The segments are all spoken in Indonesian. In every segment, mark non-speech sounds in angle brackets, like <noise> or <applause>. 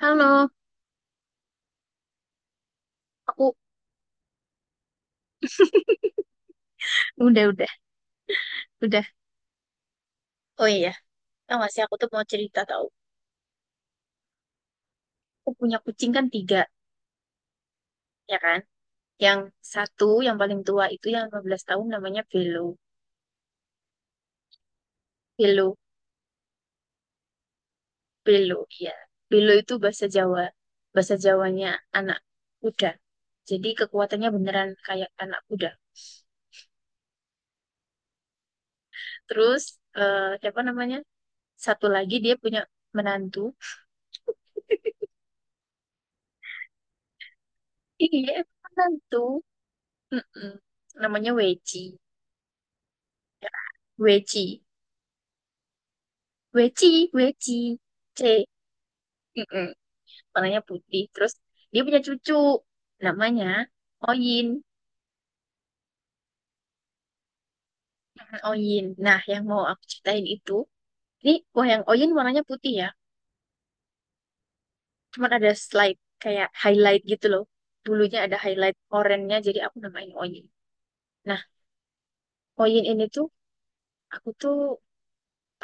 Halo, aku udah udah. Oh iya, tau gak sih aku tuh mau cerita tau. Aku punya kucing kan tiga, ya kan? Yang satu yang paling tua itu yang 15 tahun namanya Belo. Belo, Belo, iya. Belo itu bahasa Jawa. Bahasa Jawanya anak kuda. Jadi kekuatannya beneran kayak anak kuda. Terus eh, siapa namanya? Satu lagi dia punya menantu. Iya, menantu. Mm-mm. Namanya Weci. Weci. Weci, Weci, C, mm warnanya putih. Terus dia punya cucu, namanya Oyin. Mm, Oyin. Nah, yang mau aku ceritain itu, ini wah, yang Oyin warnanya putih ya, cuman ada slide kayak highlight gitu loh. Bulunya ada highlight oranye jadi aku namain Oyin. Nah, Oyin ini tuh aku tuh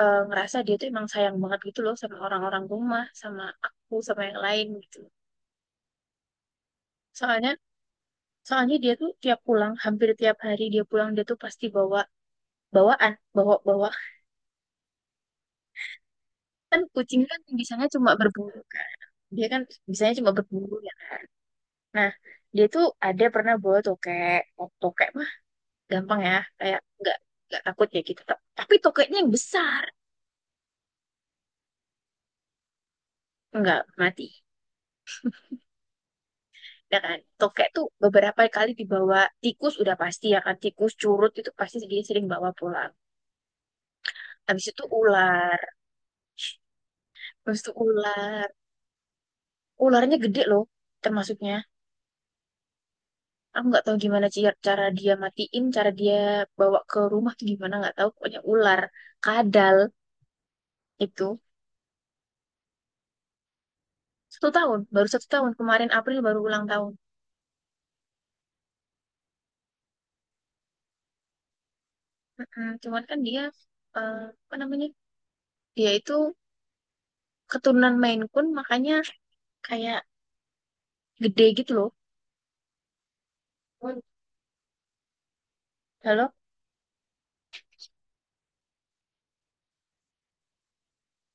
ngerasa dia tuh emang sayang banget gitu loh sama orang-orang rumah, sama aku, sama yang lain gitu. Soalnya Soalnya dia tuh tiap pulang, hampir tiap hari dia pulang, dia tuh pasti bawa bawaan bawa bawa kan kucing kan bisanya cuma berburu kan dia kan bisanya cuma berburu ya kan, nah dia tuh ada pernah bawa tokek. Oh, tokek mah gampang ya, kayak nggak takut ya gitu. Tapi tokeknya yang besar nggak mati ya kan. Tokek tuh beberapa kali dibawa, tikus udah pasti ya kan, tikus curut itu pasti dia sering bawa pulang. Habis itu ular. Habis itu ular. Ularnya gede loh, termasuknya aku nggak tahu gimana sih cara dia matiin, cara dia bawa ke rumah tuh gimana nggak tahu, pokoknya ular, kadal, itu. 1 tahun, baru 1 tahun, kemarin April baru ulang tahun. Mm-mm. Cuman kan dia eh, apa namanya, dia itu keturunan Maine Coon makanya kayak gede gitu loh. Halo.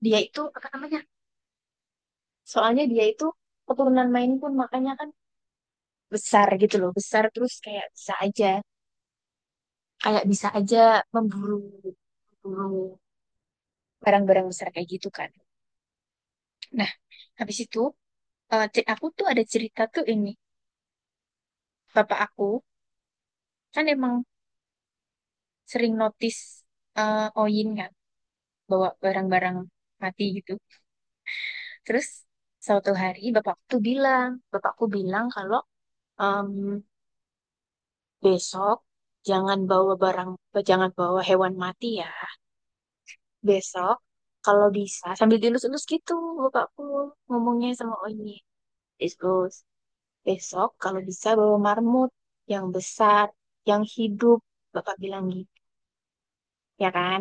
Dia itu apa namanya, soalnya dia itu keturunan Maine Coon makanya kan besar gitu loh, besar, terus kayak bisa aja, kayak bisa aja memburu, memburu barang-barang besar kayak gitu kan. Nah, habis itu aku tuh ada cerita tuh ini. Bapak aku kan emang sering notice eh, Oyin kan, bawa barang-barang mati gitu. Terus suatu hari bapakku tuh bilang, bapakku bilang kalau em, besok jangan bawa barang, jangan bawa hewan mati ya. Besok kalau bisa sambil dilus-lus gitu bapakku ngomongnya sama Oyin. Dilus-lus. Besok kalau bisa bawa marmut yang besar, yang hidup, Bapak bilang gitu, ya kan?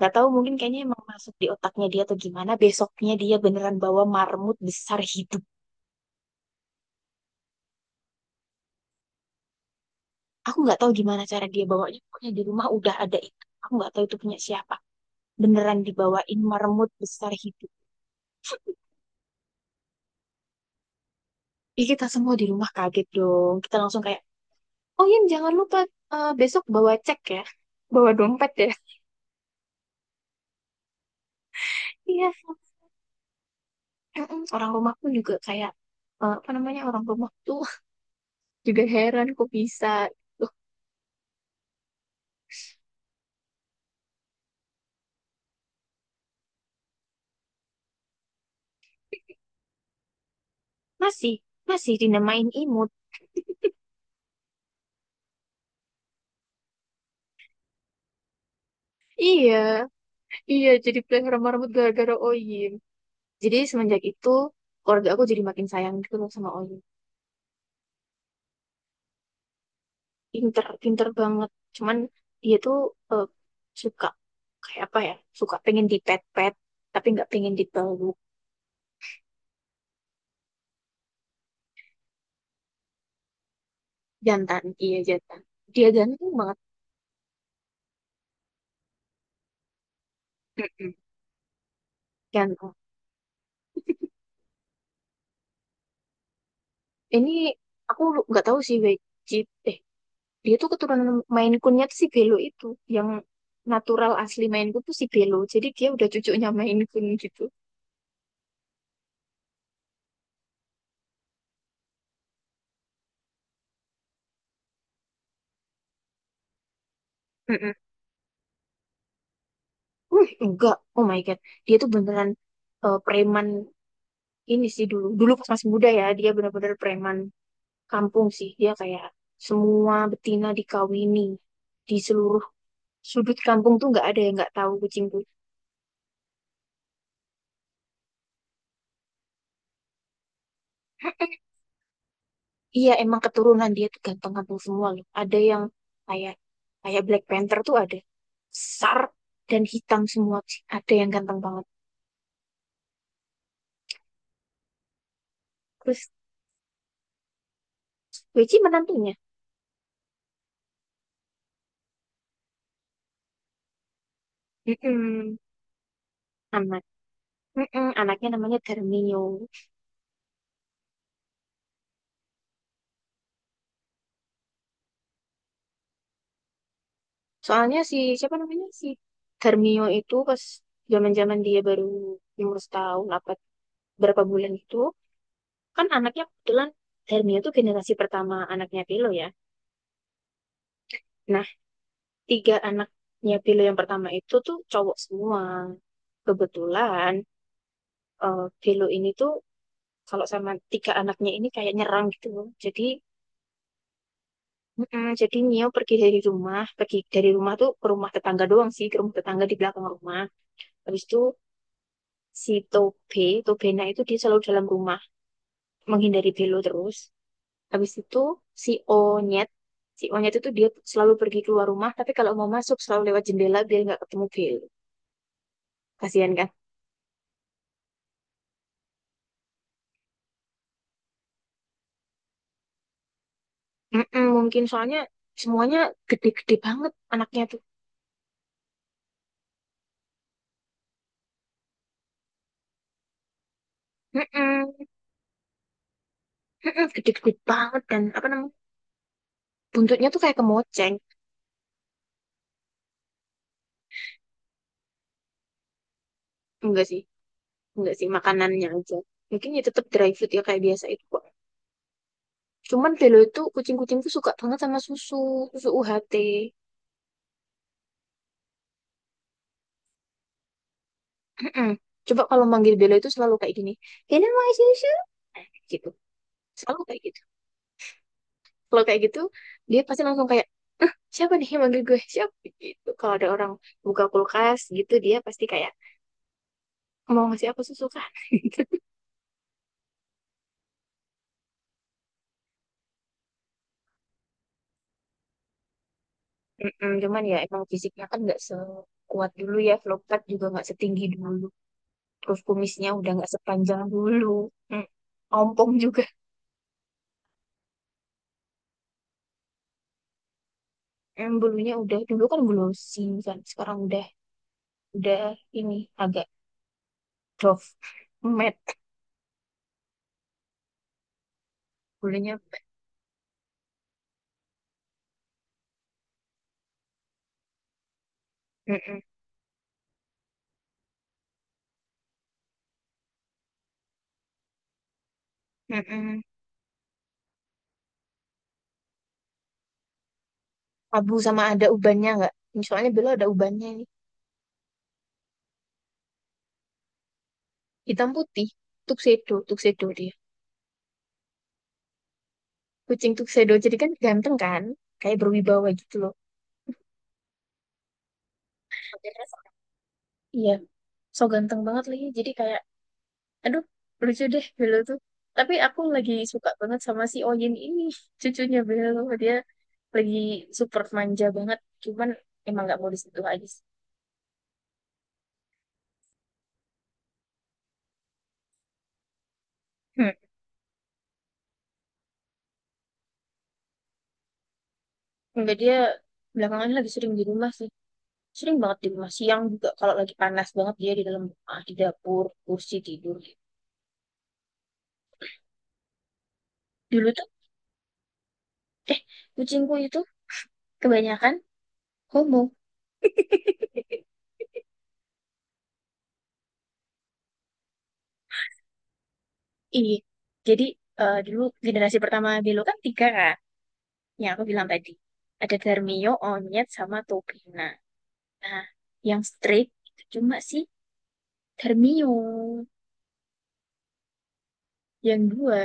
Gak tahu, mungkin kayaknya emang masuk di otaknya dia atau gimana. Besoknya dia beneran bawa marmut besar hidup. Aku nggak tahu gimana cara dia bawanya. Pokoknya di rumah udah ada itu. Aku nggak tahu itu punya siapa. Beneran dibawain marmut besar hidup. Ih, kita semua di rumah kaget dong. Kita langsung kayak, oh iya jangan lupa besok bawa cek ya. Bawa dompet ya. Iya. Mm-mm. Orang rumahku juga kayak eh, apa namanya, orang rumah tuh <laughs> juga heran kok bisa. Loh, masih masih dinamain imut. Iya, iya, jadi pelihara sama rambut gara-gara Oyim. Jadi semenjak itu keluarga aku jadi makin sayang gitu loh sama Oyim. Pinter, pinter banget. Cuman dia tuh eh, suka, kayak apa ya? Suka pengen dipet-pet, tapi nggak pengen dipeluk. Jantan, iya jantan. Dia ganteng banget. Mm-mm. Ganteng. Ini aku nggak tahu sih wajib eh dia tuh keturunan Maine Coon-nya tuh si Belo itu, yang natural asli Maine Coon tuh si Belo, jadi dia udah cucunya Maine Coon gitu. Mm-mm. Enggak, oh my god, dia tuh beneran preman ini sih. Dulu dulu pas masih muda ya dia bener-bener preman kampung sih. Dia kayak semua betina dikawini di seluruh sudut kampung tuh, nggak ada yang nggak tahu kucing, kucing. Iya, emang keturunan dia tuh ganteng-ganteng semua loh. Ada yang kayak, kayak Black Panther tuh, ada besar dan hitam semua sih. Ada yang ganteng banget. Terus Wei menantunya. Mm-mm. Anak. Mm-mm. Anaknya namanya Dermio. Soalnya si, siapa namanya, si Dermio itu pas zaman-zaman dia baru umur 1 tahun apa berapa bulan itu, kan anaknya kebetulan Dermio tuh generasi pertama anaknya Pilo ya. Nah, tiga anaknya Vilo yang pertama itu tuh cowok semua. Kebetulan Vilo ini tuh kalau sama tiga anaknya ini kayak nyerang gitu loh. Jadi mm-mm, jadi Mio pergi dari rumah tuh ke rumah tetangga doang sih, ke rumah tetangga di belakang rumah. Habis itu si Tobe, Tobena itu dia selalu dalam rumah menghindari Vilo terus. Habis itu si Onyet, si Onyet itu dia selalu pergi keluar rumah, tapi kalau mau masuk selalu lewat jendela biar nggak ketemu Vilo. Kasihan kan? Mm-mm, mungkin soalnya semuanya gede-gede banget anaknya tuh. Mm-mm, mm-mm, gede-gede banget, dan apa namanya buntutnya tuh kayak kemoceng. Enggak sih, enggak sih makanannya aja. Mungkin ya tetap dry food ya kayak biasa itu kok. Cuman Belo itu kucing-kucing tuh suka banget sama susu, susu UHT. Mm-mm. Coba kalau manggil Belo itu selalu kayak gini. Belo mau susu? Nah, gitu. Selalu kayak gitu. Kalau kayak gitu, dia pasti langsung kayak, "Eh, siapa nih yang manggil gue? Siapa?" Gitu. Kalau ada orang buka kulkas gitu, dia pasti kayak mau ngasih apa susu kan. <laughs> Gitu. Mm-mm, cuman ya emang fisiknya kan nggak sekuat dulu ya, Vlogtat juga nggak setinggi dulu, terus kumisnya udah nggak sepanjang dulu. Mm, ompong juga. Mm, bulunya udah, dulu kan glossy kan, sekarang udah udah ini agak doff, matte, bulunya. Mm-mm, mm-mm. Abu, sama ada ubannya nggak, soalnya Bella ada ubannya nih, hitam putih. Tuxedo, tuxedo dia, kucing tuxedo, jadi kan ganteng kan, kayak berwibawa gitu loh. Iya, so ganteng banget lagi, jadi kayak aduh lucu deh Belo tuh, tapi aku lagi suka banget sama si Oyin ini <laughs> cucunya Belo. Dia lagi super manja banget, cuman emang nggak mau disentuh aja sih. Hmm. Enggak, dia belakangan ini lagi sering di rumah sih, sering banget di rumah. Siang juga kalau lagi panas banget dia di dalam rumah, di dapur kursi tidur. Dulu tuh eh kucingku itu kebanyakan homo. Iya. Jadi dulu generasi pertama Belo kan tiga kan, yang aku bilang tadi. Ada Darmio, Onyet, sama Tobina. Nah, yang strict itu cuma si Darmio. Yang dua,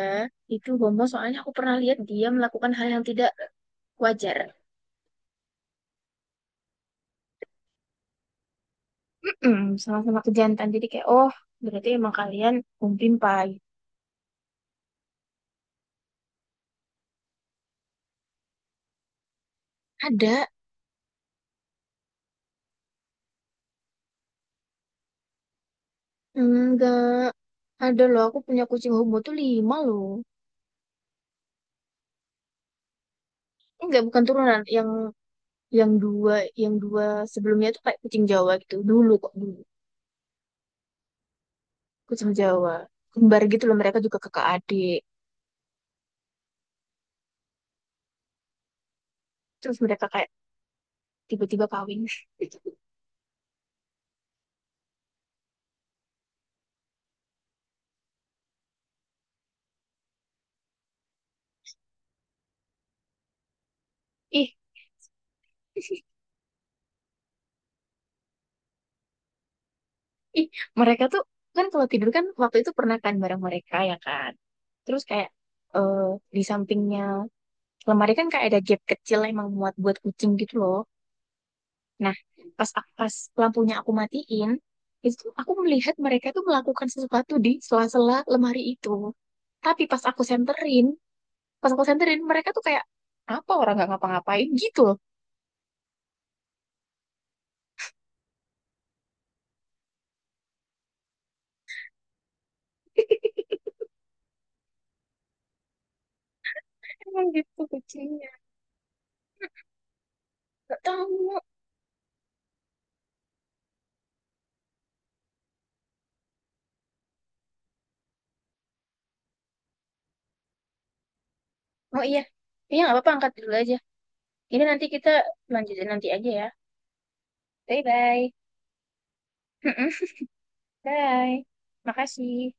itu Bomo soalnya aku pernah lihat dia melakukan hal yang tidak wajar. Mm-mm, sama-sama kejantan. Jadi kayak, oh, berarti emang kalian umpimpai. Ada? Enggak. Ada loh, aku punya kucing homo tuh lima loh. Enggak, bukan turunan. Yang dua, yang dua sebelumnya tuh kayak kucing Jawa gitu. Dulu kok, dulu. Ikut sama Jawa, kembar gitu loh, mereka juga kakak adik. Terus mereka kayak tiba-tiba kawin. <laughs> Ih. <laughs> Ih, mereka tuh, kan kalau tidur kan waktu itu pernah kan bareng mereka ya kan, terus kayak eh di sampingnya lemari kan kayak ada gap kecil emang muat buat kucing gitu loh. Nah, pas pas lampunya aku matiin, itu tuh aku melihat mereka tuh melakukan sesuatu di sela-sela lemari itu, tapi pas aku senterin, pas aku senterin mereka tuh kayak apa, orang nggak ngapa-ngapain gitu loh. Emang gitu kucingnya. Gak tahu. Oh iya. Iya nggak apa-apa, angkat dulu aja. Ini nanti kita lanjutin nanti aja ya. Bye-bye. <laughs> Bye. Makasih.